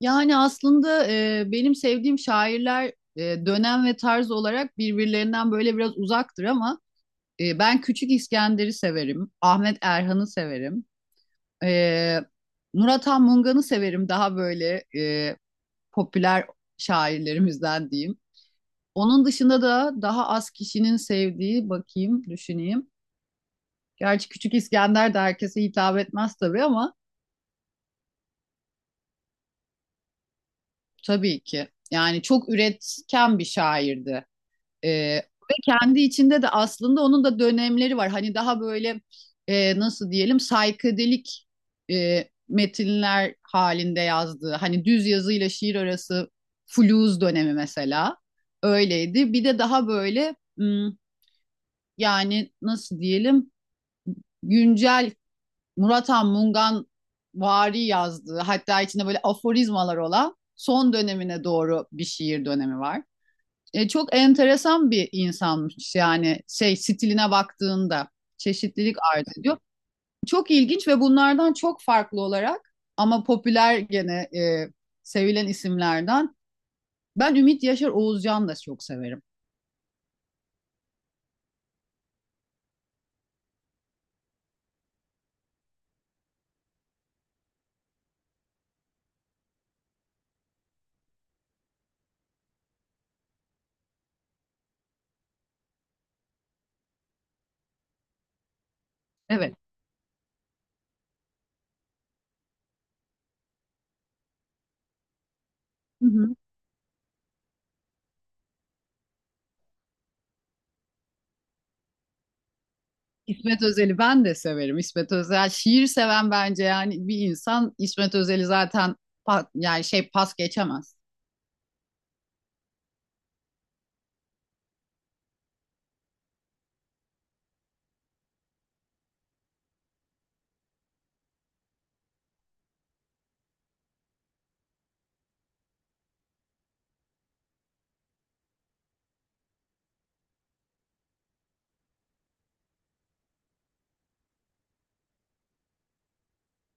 Yani aslında benim sevdiğim şairler, e, dönem ve tarz olarak birbirlerinden böyle biraz uzaktır ama ben Küçük İskender'i severim, Ahmet Erhan'ı severim, e, Murat Han Mungan'ı severim, daha böyle popüler şairlerimizden diyeyim. Onun dışında da daha az kişinin sevdiği, bakayım, düşüneyim. Gerçi Küçük İskender de herkese hitap etmez tabii ama tabii ki. Yani çok üretken bir şairdi. Ee, Ve kendi içinde de aslında onun da dönemleri var. Hani daha böyle nasıl diyelim, saykadelik metinler halinde yazdığı. Hani düz yazıyla şiir arası fluz dönemi mesela öyleydi. Bir de daha böyle yani nasıl diyelim, güncel Murat Han Mungan vari yazdığı, hatta içinde böyle aforizmalar olan son dönemine doğru bir şiir dönemi var. Çok enteresan bir insanmış yani, şey stiline baktığında çeşitlilik arz ediyor. Çok ilginç ve bunlardan çok farklı olarak ama popüler gene, sevilen isimlerden. Ben Ümit Yaşar Oğuzcan da çok severim. Evet. Hı hı. İsmet Özel'i ben de severim. İsmet Özel şiir seven, bence yani, bir insan İsmet Özel'i zaten yani şey pas geçemez.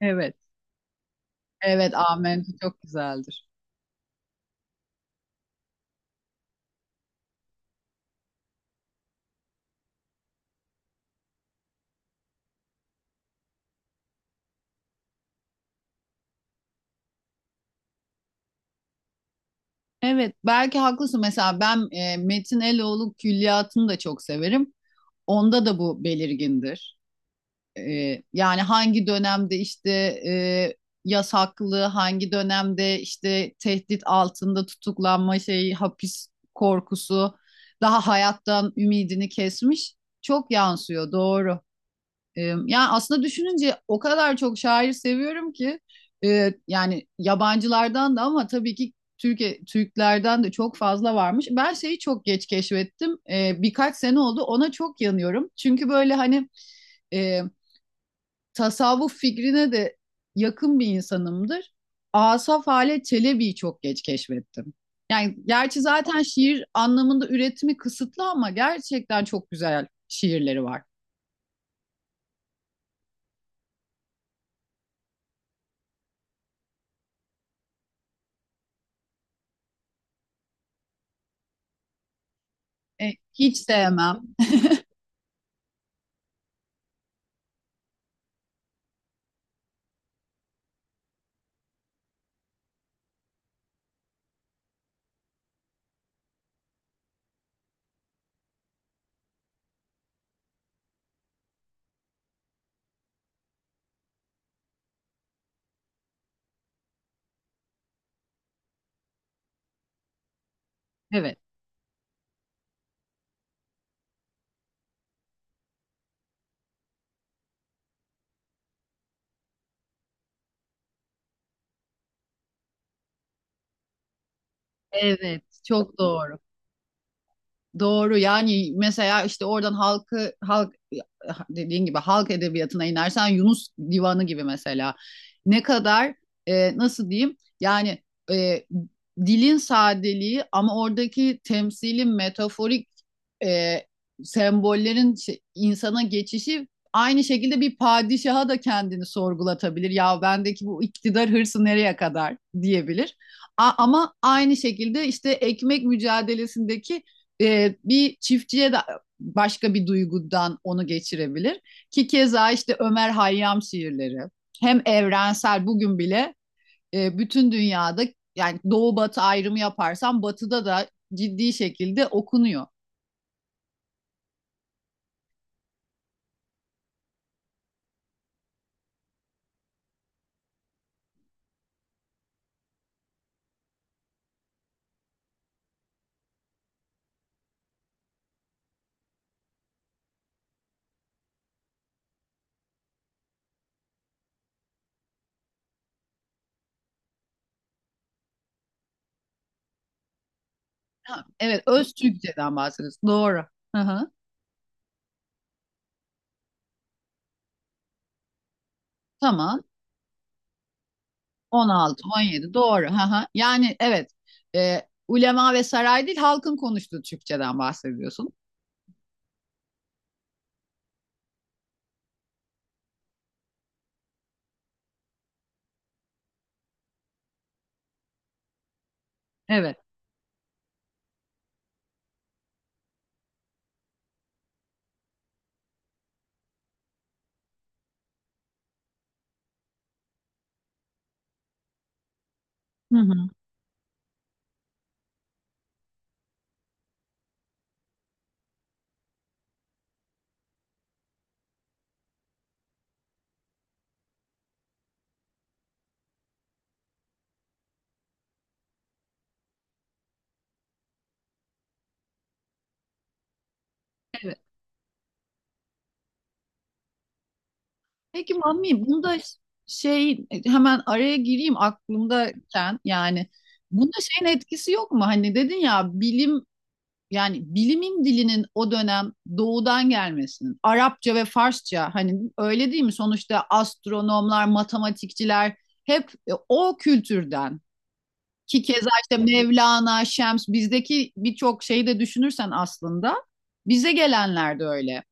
Evet. Evet, Amen çok güzeldir. Evet, belki haklısın. Mesela ben Metin Eloğlu külliyatını da çok severim. Onda da bu belirgindir. E, Yani hangi dönemde işte e, yasaklı, hangi dönemde işte tehdit altında tutuklanma şeyi, hapis korkusu, daha hayattan ümidini kesmiş. Çok yansıyor, doğru. Yani aslında düşününce o kadar çok şair seviyorum ki, yani yabancılardan da, ama tabii ki Türkiye Türklerden de çok fazla varmış. Ben şeyi çok geç keşfettim. E, birkaç sene oldu. Ona çok yanıyorum. Çünkü böyle hani e, tasavvuf fikrine de yakın bir insanımdır. Asaf Halet Çelebi'yi çok geç keşfettim. Yani gerçi zaten şiir anlamında üretimi kısıtlı ama gerçekten çok güzel şiirleri var. E, hiç sevmem. Evet. Evet, çok doğru. Doğru. Yani mesela işte oradan halkı, halk dediğin gibi halk edebiyatına inersen, Yunus Divanı gibi mesela, ne kadar nasıl diyeyim? Yani e, dilin sadeliği, ama oradaki temsili metaforik e, sembollerin insana geçişi aynı şekilde bir padişaha da kendini sorgulatabilir. Ya bendeki bu iktidar hırsı nereye kadar diyebilir. Ama aynı şekilde işte ekmek mücadelesindeki bir çiftçiye de başka bir duygudan onu geçirebilir. Ki keza işte Ömer Hayyam şiirleri hem evrensel, bugün bile bütün dünyada, yani doğu batı ayrımı yaparsan batıda da ciddi şekilde okunuyor. Ha, evet, öz Türkçeden bahsediyoruz. Doğru. Hı hı. Tamam. On altı, 17. Doğru. Hı hı. Yani evet, e, ulema ve saray değil, halkın konuştuğu Türkçeden bahsediyorsun. Evet. Hı hı. Peki Mami, bunda şey, hemen araya gireyim aklımdayken, yani bunda şeyin etkisi yok mu? Hani dedin ya bilim, yani bilimin dilinin o dönem doğudan gelmesinin, Arapça ve Farsça, hani öyle değil mi? Sonuçta astronomlar, matematikçiler hep o kültürden. Ki keza işte Mevlana, Şems, bizdeki birçok şeyi de düşünürsen aslında bize gelenler de öyle.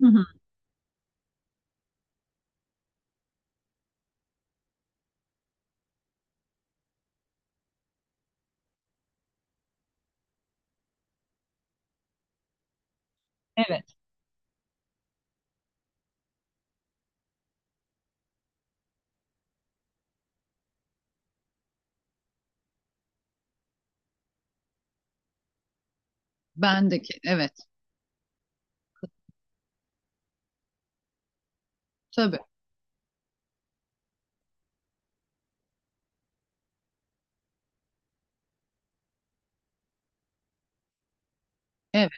Hı hı. Evet. Bendeki evet. Tabii. Evet,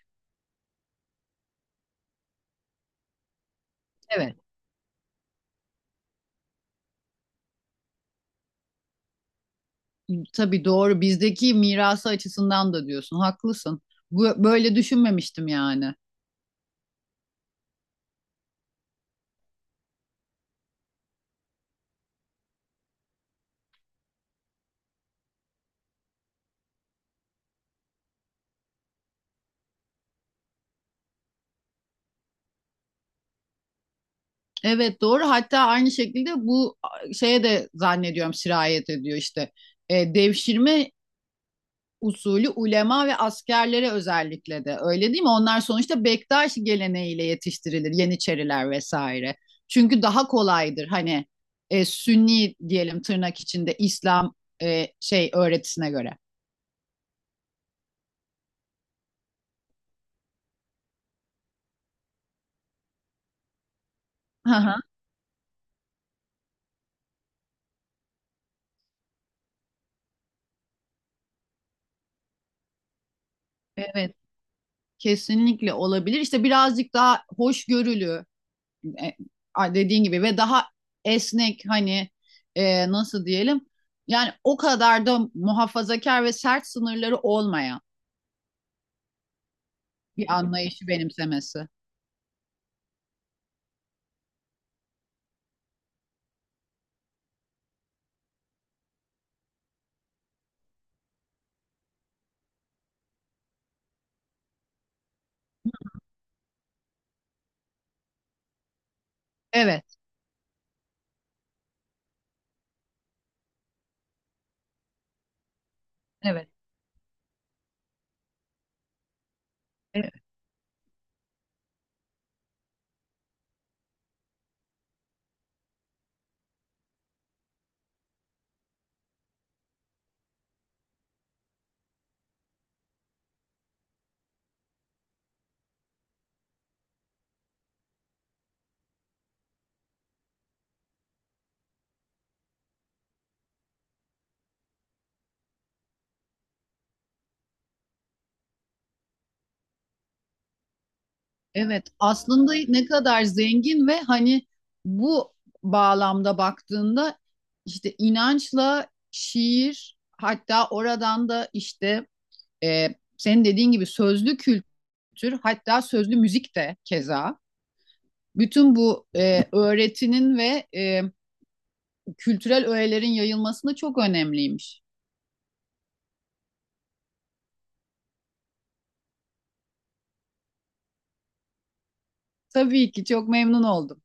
evet. Tabii, doğru. Bizdeki mirası açısından da diyorsun. Haklısın. Bu, böyle düşünmemiştim yani. Evet, doğru. Hatta aynı şekilde bu şeye de zannediyorum sirayet ediyor işte. Devşirme usulü ulema ve askerlere özellikle de, öyle değil mi? Onlar sonuçta bektaşi geleneğiyle yetiştirilir. Yeniçeriler vesaire. Çünkü daha kolaydır hani Sünni diyelim, tırnak içinde İslam şey öğretisine göre. Hı hı. Evet, kesinlikle olabilir. İşte birazcık daha hoşgörülü, dediğin gibi, ve daha esnek, hani nasıl diyelim, yani o kadar da muhafazakar ve sert sınırları olmayan bir anlayışı benimsemesi. Evet, evet, evet. Evet. Aslında ne kadar zengin ve hani, bu bağlamda baktığında işte inançla şiir, hatta oradan da işte e, senin dediğin gibi sözlü kültür, hatta sözlü müzik de keza, bütün bu öğretinin ve kültürel öğelerin yayılmasında çok önemliymiş. Tabii ki, çok memnun oldum.